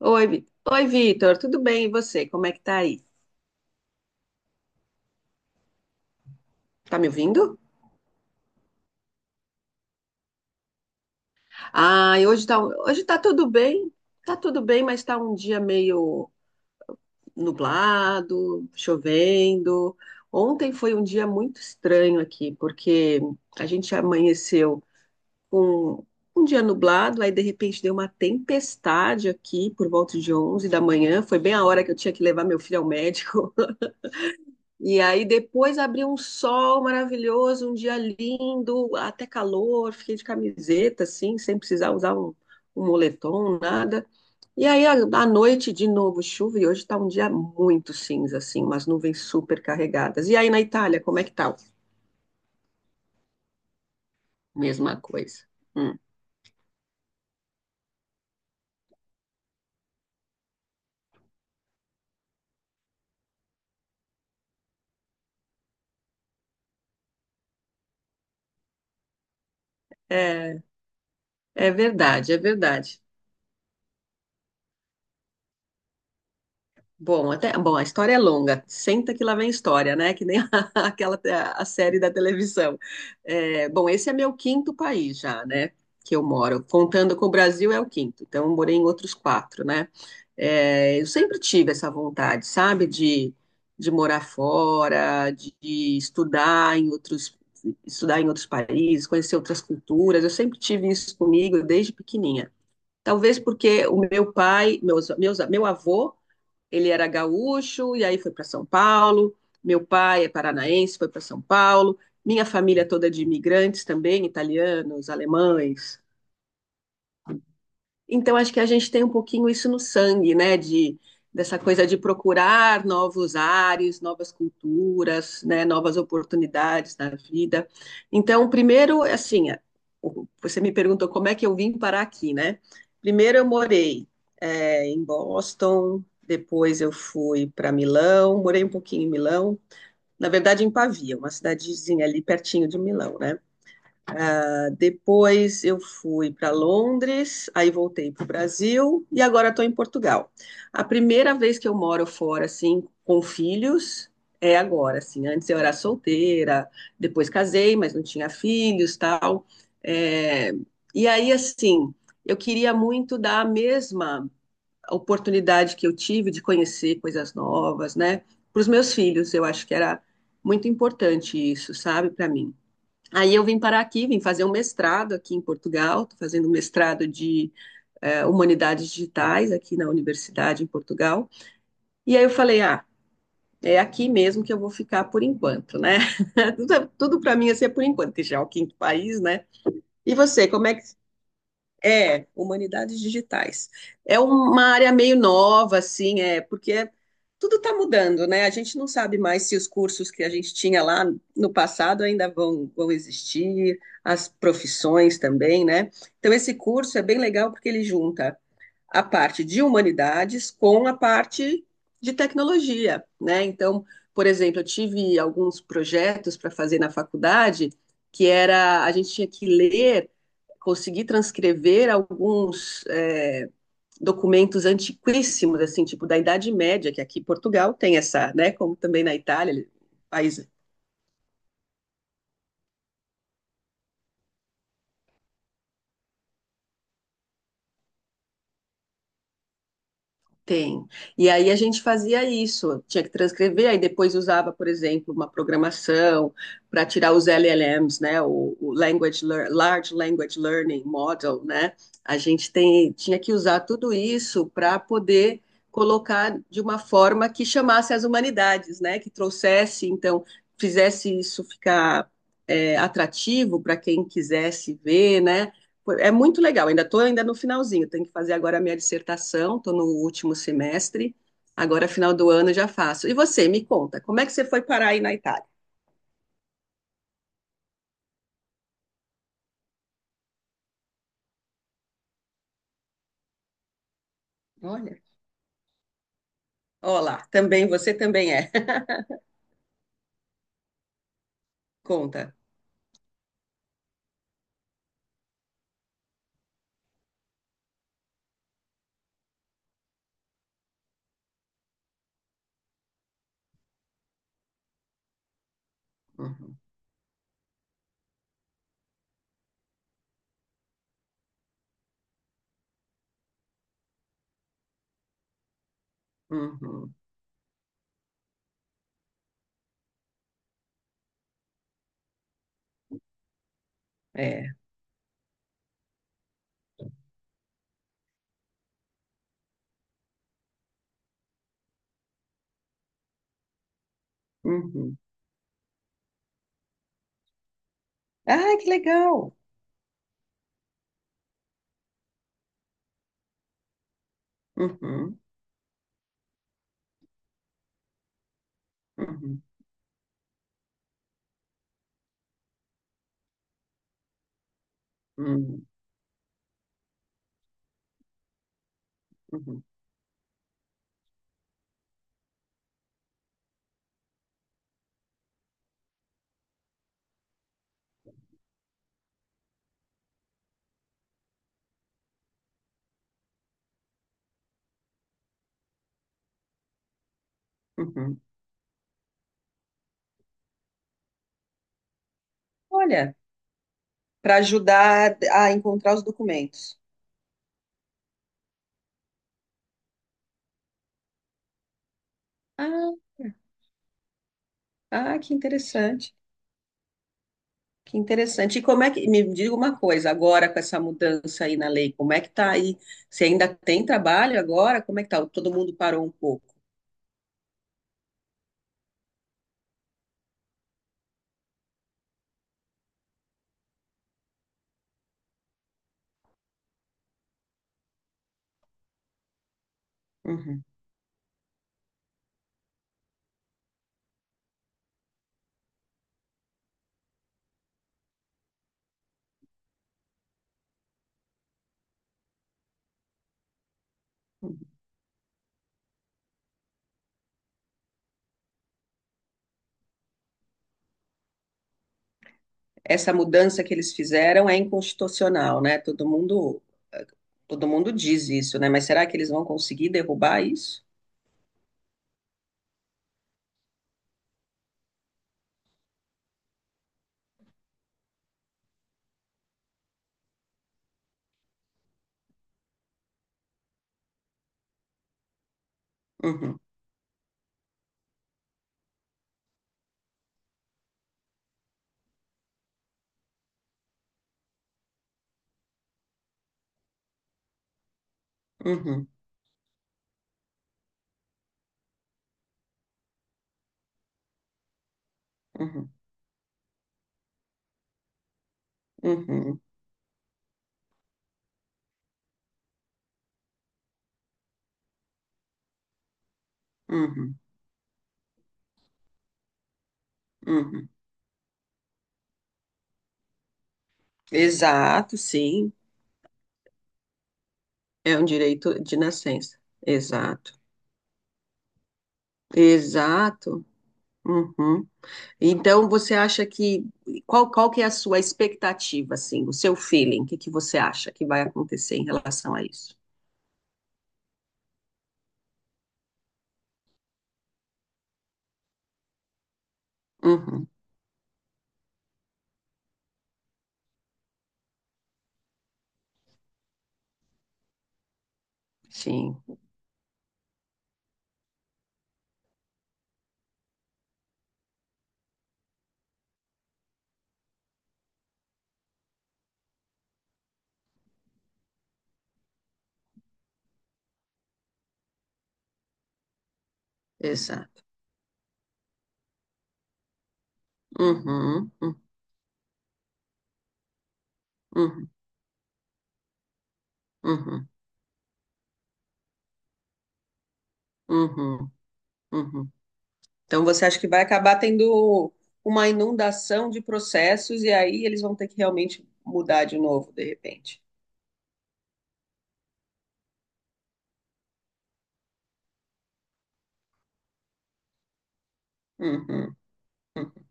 Oi, Vitor, tudo bem? E você? Como é que tá aí? Tá me ouvindo? Ah, e hoje tá tudo bem, mas tá um dia meio nublado, chovendo. Ontem foi um dia muito estranho aqui, porque a gente amanheceu com um dia nublado, aí de repente deu uma tempestade aqui por volta de 11 da manhã, foi bem a hora que eu tinha que levar meu filho ao médico. E aí depois abriu um sol maravilhoso, um dia lindo, até calor, fiquei de camiseta, assim, sem precisar usar um moletom, nada. E aí à noite, de novo, chuva, e hoje está um dia muito cinza, assim, umas nuvens super carregadas. E aí na Itália, como é que tá? Mesma coisa. Hum. É, é verdade, é verdade. Bom, a história é longa. Senta que lá vem história, né? Que nem aquela a série da televisão. É, bom, esse é meu quinto país já, né? Que eu moro. Contando com o Brasil é o quinto. Então, eu morei em outros quatro, né? É, eu sempre tive essa vontade, sabe? De morar fora, de estudar em outros países, conhecer outras culturas. Eu sempre tive isso comigo desde pequenininha. Talvez porque o meu pai, meu avô ele era gaúcho e aí foi para São Paulo. Meu pai é paranaense, foi para São Paulo. Minha família toda é de imigrantes também, italianos, alemães, então, acho que a gente tem um pouquinho isso no sangue, né? Dessa coisa de procurar novos ares, novas culturas, né? Novas oportunidades na vida. Então, primeiro, assim, você me perguntou como é que eu vim parar aqui, né? Primeiro, eu morei em Boston, depois eu fui para Milão, morei um pouquinho em Milão, na verdade, em Pavia, uma cidadezinha ali pertinho de Milão, né? Depois eu fui para Londres, aí voltei para o Brasil e agora estou em Portugal. A primeira vez que eu moro fora, assim, com filhos, é agora, assim. Antes eu era solteira, depois casei, mas não tinha filhos, tal. É. E aí, assim, eu queria muito dar a mesma oportunidade que eu tive de conhecer coisas novas, né? Para os meus filhos, eu acho que era muito importante isso, sabe, para mim. Aí eu vim parar aqui, vim fazer um mestrado aqui em Portugal, estou fazendo um mestrado de humanidades digitais aqui na universidade em Portugal. E aí eu falei, ah, é aqui mesmo que eu vou ficar por enquanto, né? Tudo para mim assim é por enquanto, que já é o quinto país, né? E você, como é que é, humanidades digitais. É uma área meio nova, assim, porque tudo está mudando, né? A gente não sabe mais se os cursos que a gente tinha lá no passado ainda vão existir, as profissões também, né? Então, esse curso é bem legal porque ele junta a parte de humanidades com a parte de tecnologia, né? Então, por exemplo, eu tive alguns projetos para fazer na faculdade que era a gente tinha que ler, conseguir transcrever alguns documentos antiquíssimos, assim, tipo da Idade Média, que aqui em Portugal tem essa, né? Como também na Itália, país Tem. E aí a gente fazia isso, tinha que transcrever, aí depois usava, por exemplo, uma programação para tirar os LLMs, né, o Large Language Learning Model, né? A gente tem, tinha que usar tudo isso para poder colocar de uma forma que chamasse as humanidades, né, que trouxesse, então, fizesse isso ficar atrativo para quem quisesse ver, né? É muito legal, ainda estou ainda no finalzinho, tenho que fazer agora a minha dissertação, estou no último semestre, agora final do ano eu já faço. E você, me conta, como é que você foi parar aí na Itália? Olha, olá, também, você também é. Conta. Uhum, uhum, é. Uhum. Ah, que legal. Uhum, uhum, uhum, uhum, uhum. Olha, para ajudar a encontrar os documentos. Ah, ah, que interessante. Que interessante. E como é que, me diga uma coisa, agora com essa mudança aí na lei, como é que tá aí? Você ainda tem trabalho agora? Como é que tá? Todo mundo parou um pouco. Uhum. Essa mudança que eles fizeram é inconstitucional, né? Todo mundo diz isso, né? Mas será que eles vão conseguir derrubar isso? Uhum, uhum, uhum, uhum, uhum, uhum. Exato, sim. É um direito de nascença. Exato. Exato. Uhum. Então, você acha que qual que é a sua expectativa, assim, o seu feeling? O que que você acha que vai acontecer em relação a isso? Uhum, sim, exato. Uhum, uhum, uhum, uhum, uhum, uhum. Então, você acha que vai acabar tendo uma inundação de processos e aí eles vão ter que realmente mudar de novo, de repente? Uhum, uhum,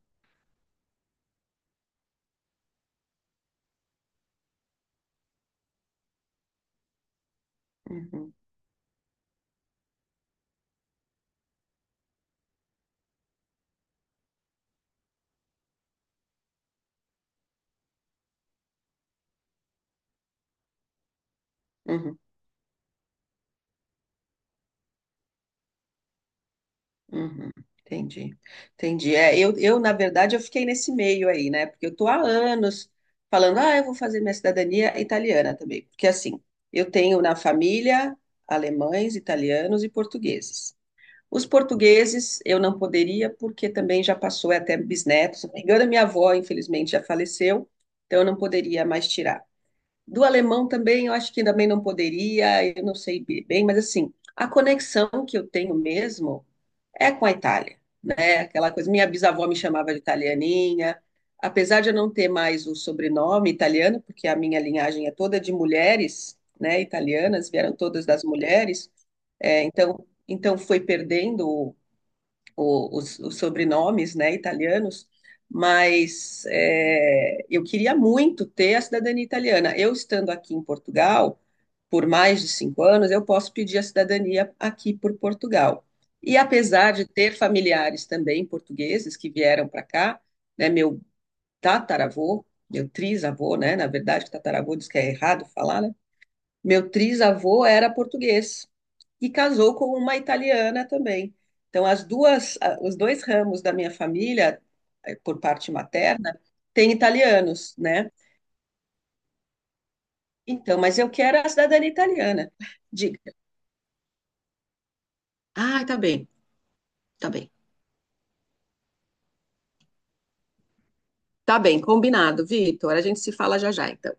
uhum, uhum. Uhum, entendi, entendi. É, na verdade, eu fiquei nesse meio aí, né? Porque eu tô há anos falando, ah, eu vou fazer minha cidadania italiana também. Porque, assim, eu tenho na família alemães, italianos e portugueses. Os portugueses eu não poderia, porque também já passou, é até bisneto. Se não me engano, a minha avó, infelizmente, já faleceu, então eu não poderia mais tirar. Do alemão também, eu acho que também não poderia, eu não sei bem, mas, assim, a conexão que eu tenho mesmo é com a Itália aquela coisa. Minha bisavó me chamava de italianinha, apesar de eu não ter mais o sobrenome italiano, porque a minha linhagem é toda de mulheres, né, italianas, vieram todas das mulheres, então foi perdendo o- os sobrenomes, né, italianos, mas eu queria muito ter a cidadania italiana. Eu estando aqui em Portugal, por mais de 5 anos, eu posso pedir a cidadania aqui por Portugal. E apesar de ter familiares também portugueses que vieram para cá, né, meu tataravô, meu trisavô, né, na verdade, tataravô diz que é errado falar, né? Meu trisavô era português e casou com uma italiana também. Então, os dois ramos da minha família, por parte materna, têm italianos, né? Então, mas eu quero a cidadania italiana. Diga. Ah, tá bem. Tá bem. Tá bem, combinado, Vitor. A gente se fala já já, então.